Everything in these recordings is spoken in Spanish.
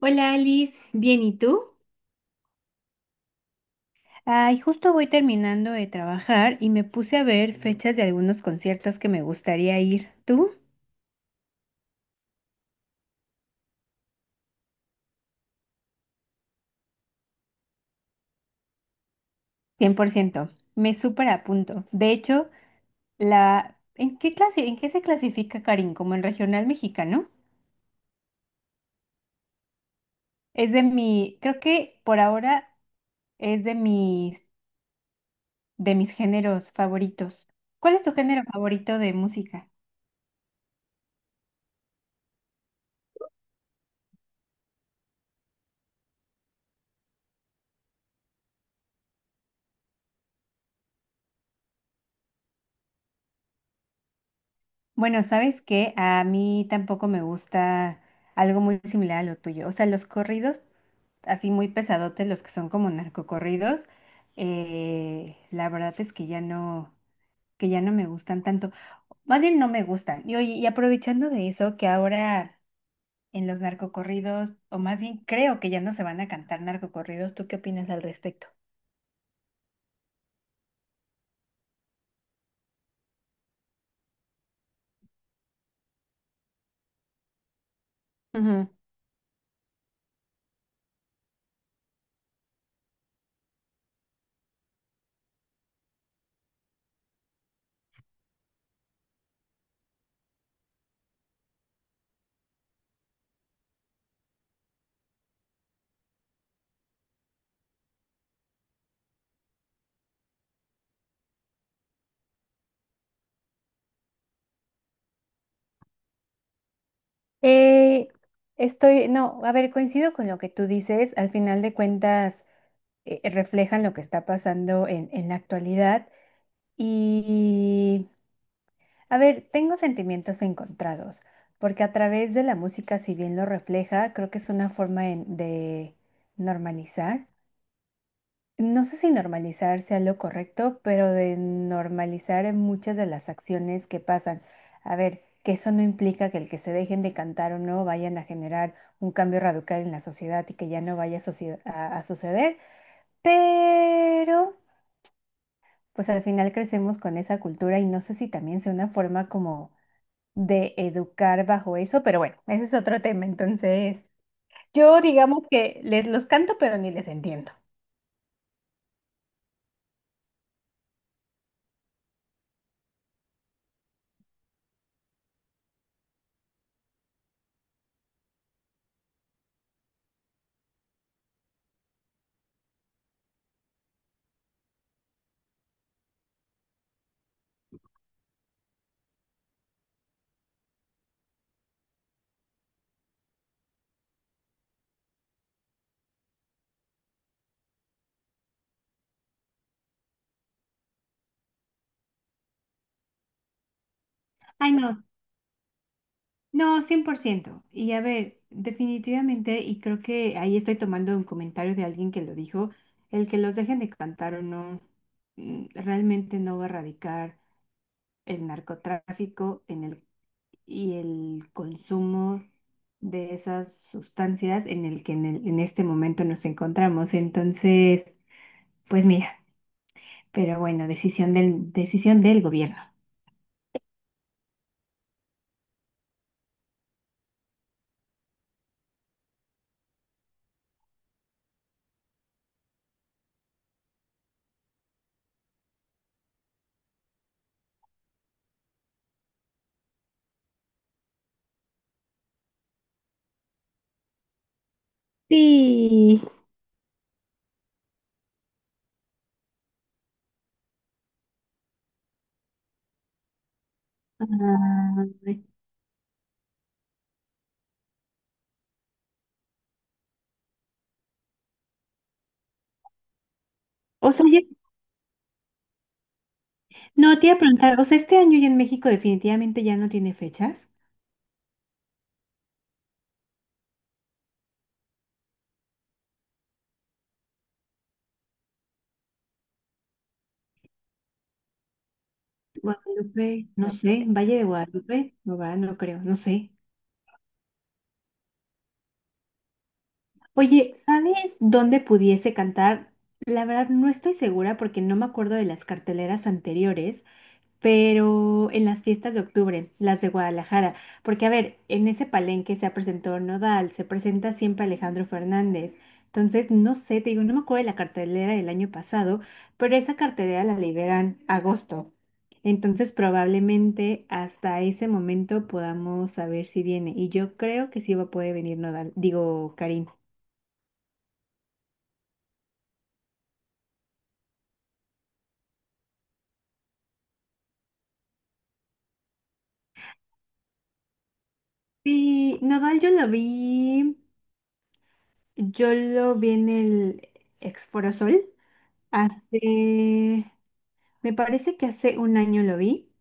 Hola Alice, ¿bien y tú? Ay, justo voy terminando de trabajar y me puse a ver fechas de algunos conciertos que me gustaría ir. ¿Tú? 100%. Me súper apunto. De hecho, ¿En qué clase... ¿En qué se clasifica Karin? ¿Como en regional mexicano? Creo que por ahora es de mis... de mis géneros favoritos. ¿Cuál es tu género favorito de música? Bueno, ¿sabes qué? A mí tampoco me gusta algo muy similar a lo tuyo. O sea, los corridos así muy pesadotes, los que son como narcocorridos, la verdad es que ya no me gustan tanto. Más bien no me gustan. Y oye, y aprovechando de eso, que ahora en los narcocorridos, o más bien creo que ya no se van a cantar narcocorridos, ¿tú qué opinas al respecto? Ujú. Eh, no, a ver, coincido con lo que tú dices. Al final de cuentas, reflejan lo que está pasando en la actualidad. Y A ver, tengo sentimientos encontrados, porque a través de la música, si bien lo refleja, creo que es una forma de normalizar. No sé si normalizar sea lo correcto, pero de normalizar en muchas de las acciones que pasan. A ver, que eso no implica que el que se dejen de cantar o no vayan a generar un cambio radical en la sociedad y que ya no vaya a, a suceder, pero pues al final crecemos con esa cultura y no sé si también sea una forma como de educar bajo eso, pero bueno, ese es otro tema. Entonces, yo digamos que les los canto, pero ni les entiendo. Ay, no, no, 100%. Y a ver, definitivamente, y creo que ahí estoy tomando un comentario de alguien que lo dijo, el que los dejen de cantar o no, realmente no va a erradicar el narcotráfico y el consumo de esas sustancias en el que en este momento nos encontramos. Entonces, pues mira. Pero bueno, decisión del gobierno. Sí. Ay. O sea, no, te iba a preguntar, o sea, este año ya en México definitivamente ya no tiene fechas. Guadalupe, no sé, Valle de Guadalupe, no va, no creo, no sé. Oye, ¿sabes dónde pudiese cantar? La verdad no estoy segura porque no me acuerdo de las carteleras anteriores, pero en las fiestas de octubre, las de Guadalajara, porque a ver, en ese palenque se presentó Nodal, se presenta siempre Alejandro Fernández. Entonces, no sé, te digo, no me acuerdo de la cartelera del año pasado, pero esa cartelera la liberan agosto. Entonces, probablemente hasta ese momento podamos saber si viene. Y yo creo que sí va a poder venir Nodal, digo, Karim. Sí, Nodal yo lo vi en el Exforosol hace... Me parece que hace un año lo vi.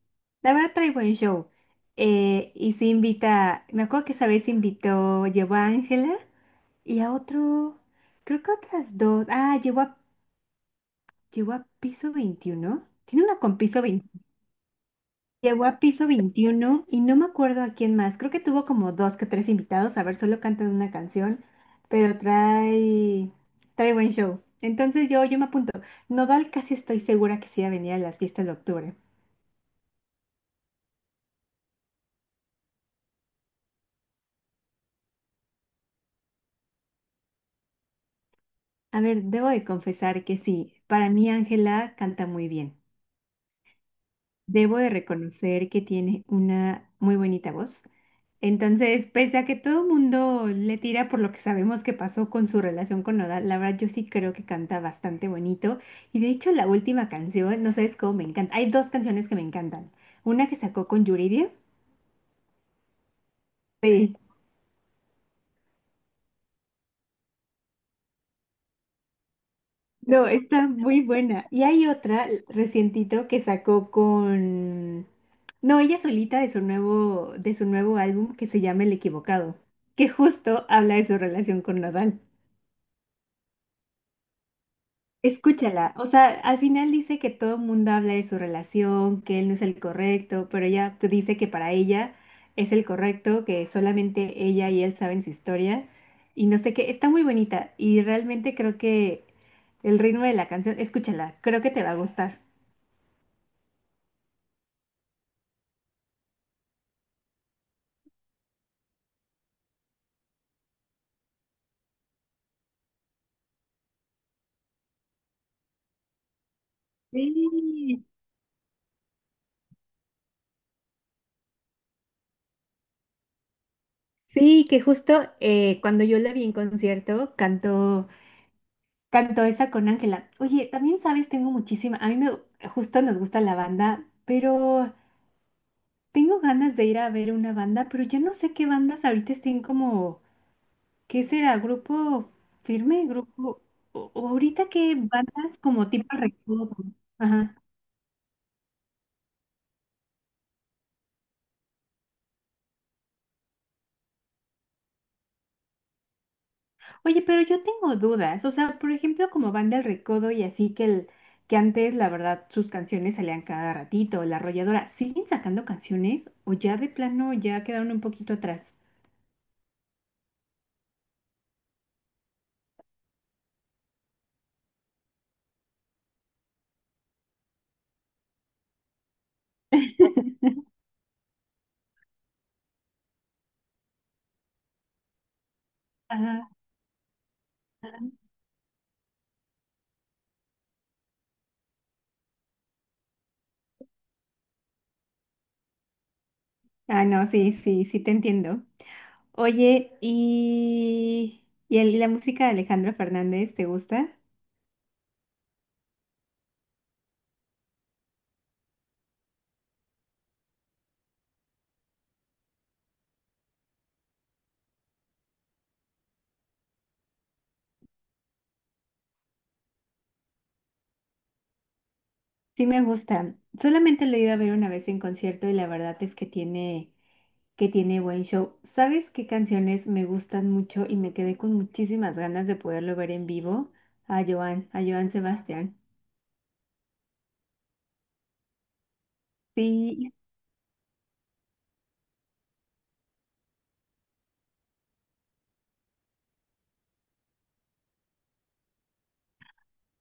La verdad trae buen show. Y se invita, me acuerdo que esa vez invitó, llevó a Ángela y a otro, creo que otras dos. Ah, llevó a piso veintiuno. Tiene una con piso 20. Llevó a piso veintiuno y no me acuerdo a quién más. Creo que tuvo como dos que tres invitados. A ver, solo cantan una canción, pero trae buen show. Entonces yo me apunto. Nodal casi estoy segura que sí va a venir a las fiestas de octubre. A ver, debo de confesar que sí, para mí Ángela canta muy bien. Debo de reconocer que tiene una muy bonita voz. Entonces, pese a que todo el mundo le tira por lo que sabemos que pasó con su relación con Nodal, la verdad yo sí creo que canta bastante bonito. Y de hecho la última canción, no sabes cómo me encanta. Hay dos canciones que me encantan. Una que sacó con Yuridia. Sí. No, está muy buena. Y hay otra recientito que sacó con... No, ella solita de de su nuevo álbum que se llama El Equivocado, que justo habla de su relación con Nadal. Escúchala, o sea, al final dice que todo el mundo habla de su relación, que él no es el correcto, pero ella dice que para ella es el correcto, que solamente ella y él saben su historia, y no sé qué, está muy bonita, y realmente creo que el ritmo de la canción, escúchala, creo que te va a gustar. Sí, sí, que justo cuando yo la vi en concierto, cantó esa con Ángela. Oye, también sabes, tengo muchísima, a mí me, justo nos gusta la banda, pero tengo ganas de ir a ver una banda, pero ya no sé qué bandas ahorita estén como, ¿qué será? ¿Grupo firme? ¿Grupo? O- ¿o ahorita qué bandas como tipo recodo? Ajá. Oye, pero yo tengo dudas, o sea, por ejemplo, como Banda El Recodo y así que el que antes, la verdad, sus canciones salían cada ratito, La Arrolladora, ¿siguen sacando canciones o ya de plano ya quedaron un poquito atrás? Ajá. Ah, no, sí, sí, sí te entiendo. Oye, ¿y la música de Alejandro Fernández te gusta? Sí me gusta. Solamente lo he ido a ver una vez en concierto y la verdad es que que tiene buen show. ¿Sabes qué canciones me gustan mucho y me quedé con muchísimas ganas de poderlo ver en vivo? A Joan Sebastián. Sí.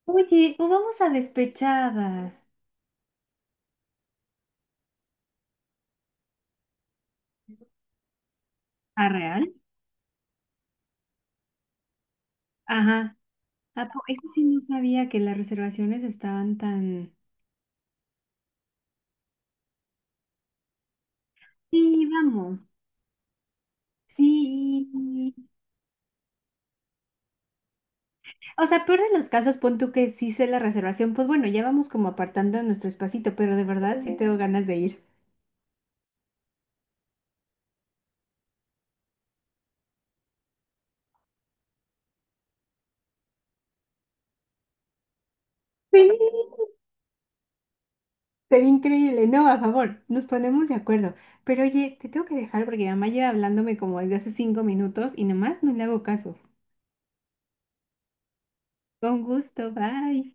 Oye, o vamos a despechadas. ¿A real? Ajá. Eso sí no sabía que las reservaciones estaban tan... Sí, vamos. Sí. O sea, peor de los casos, pon tú que sí sé la reservación, pues bueno, ya vamos como apartando nuestro espacito, pero de verdad sí tengo ganas de ir. Sí, sería increíble, no, a favor, nos ponemos de acuerdo. Pero oye, te tengo que dejar porque mi mamá lleva hablándome como desde hace 5 minutos y nomás no le hago caso. Con gusto, bye.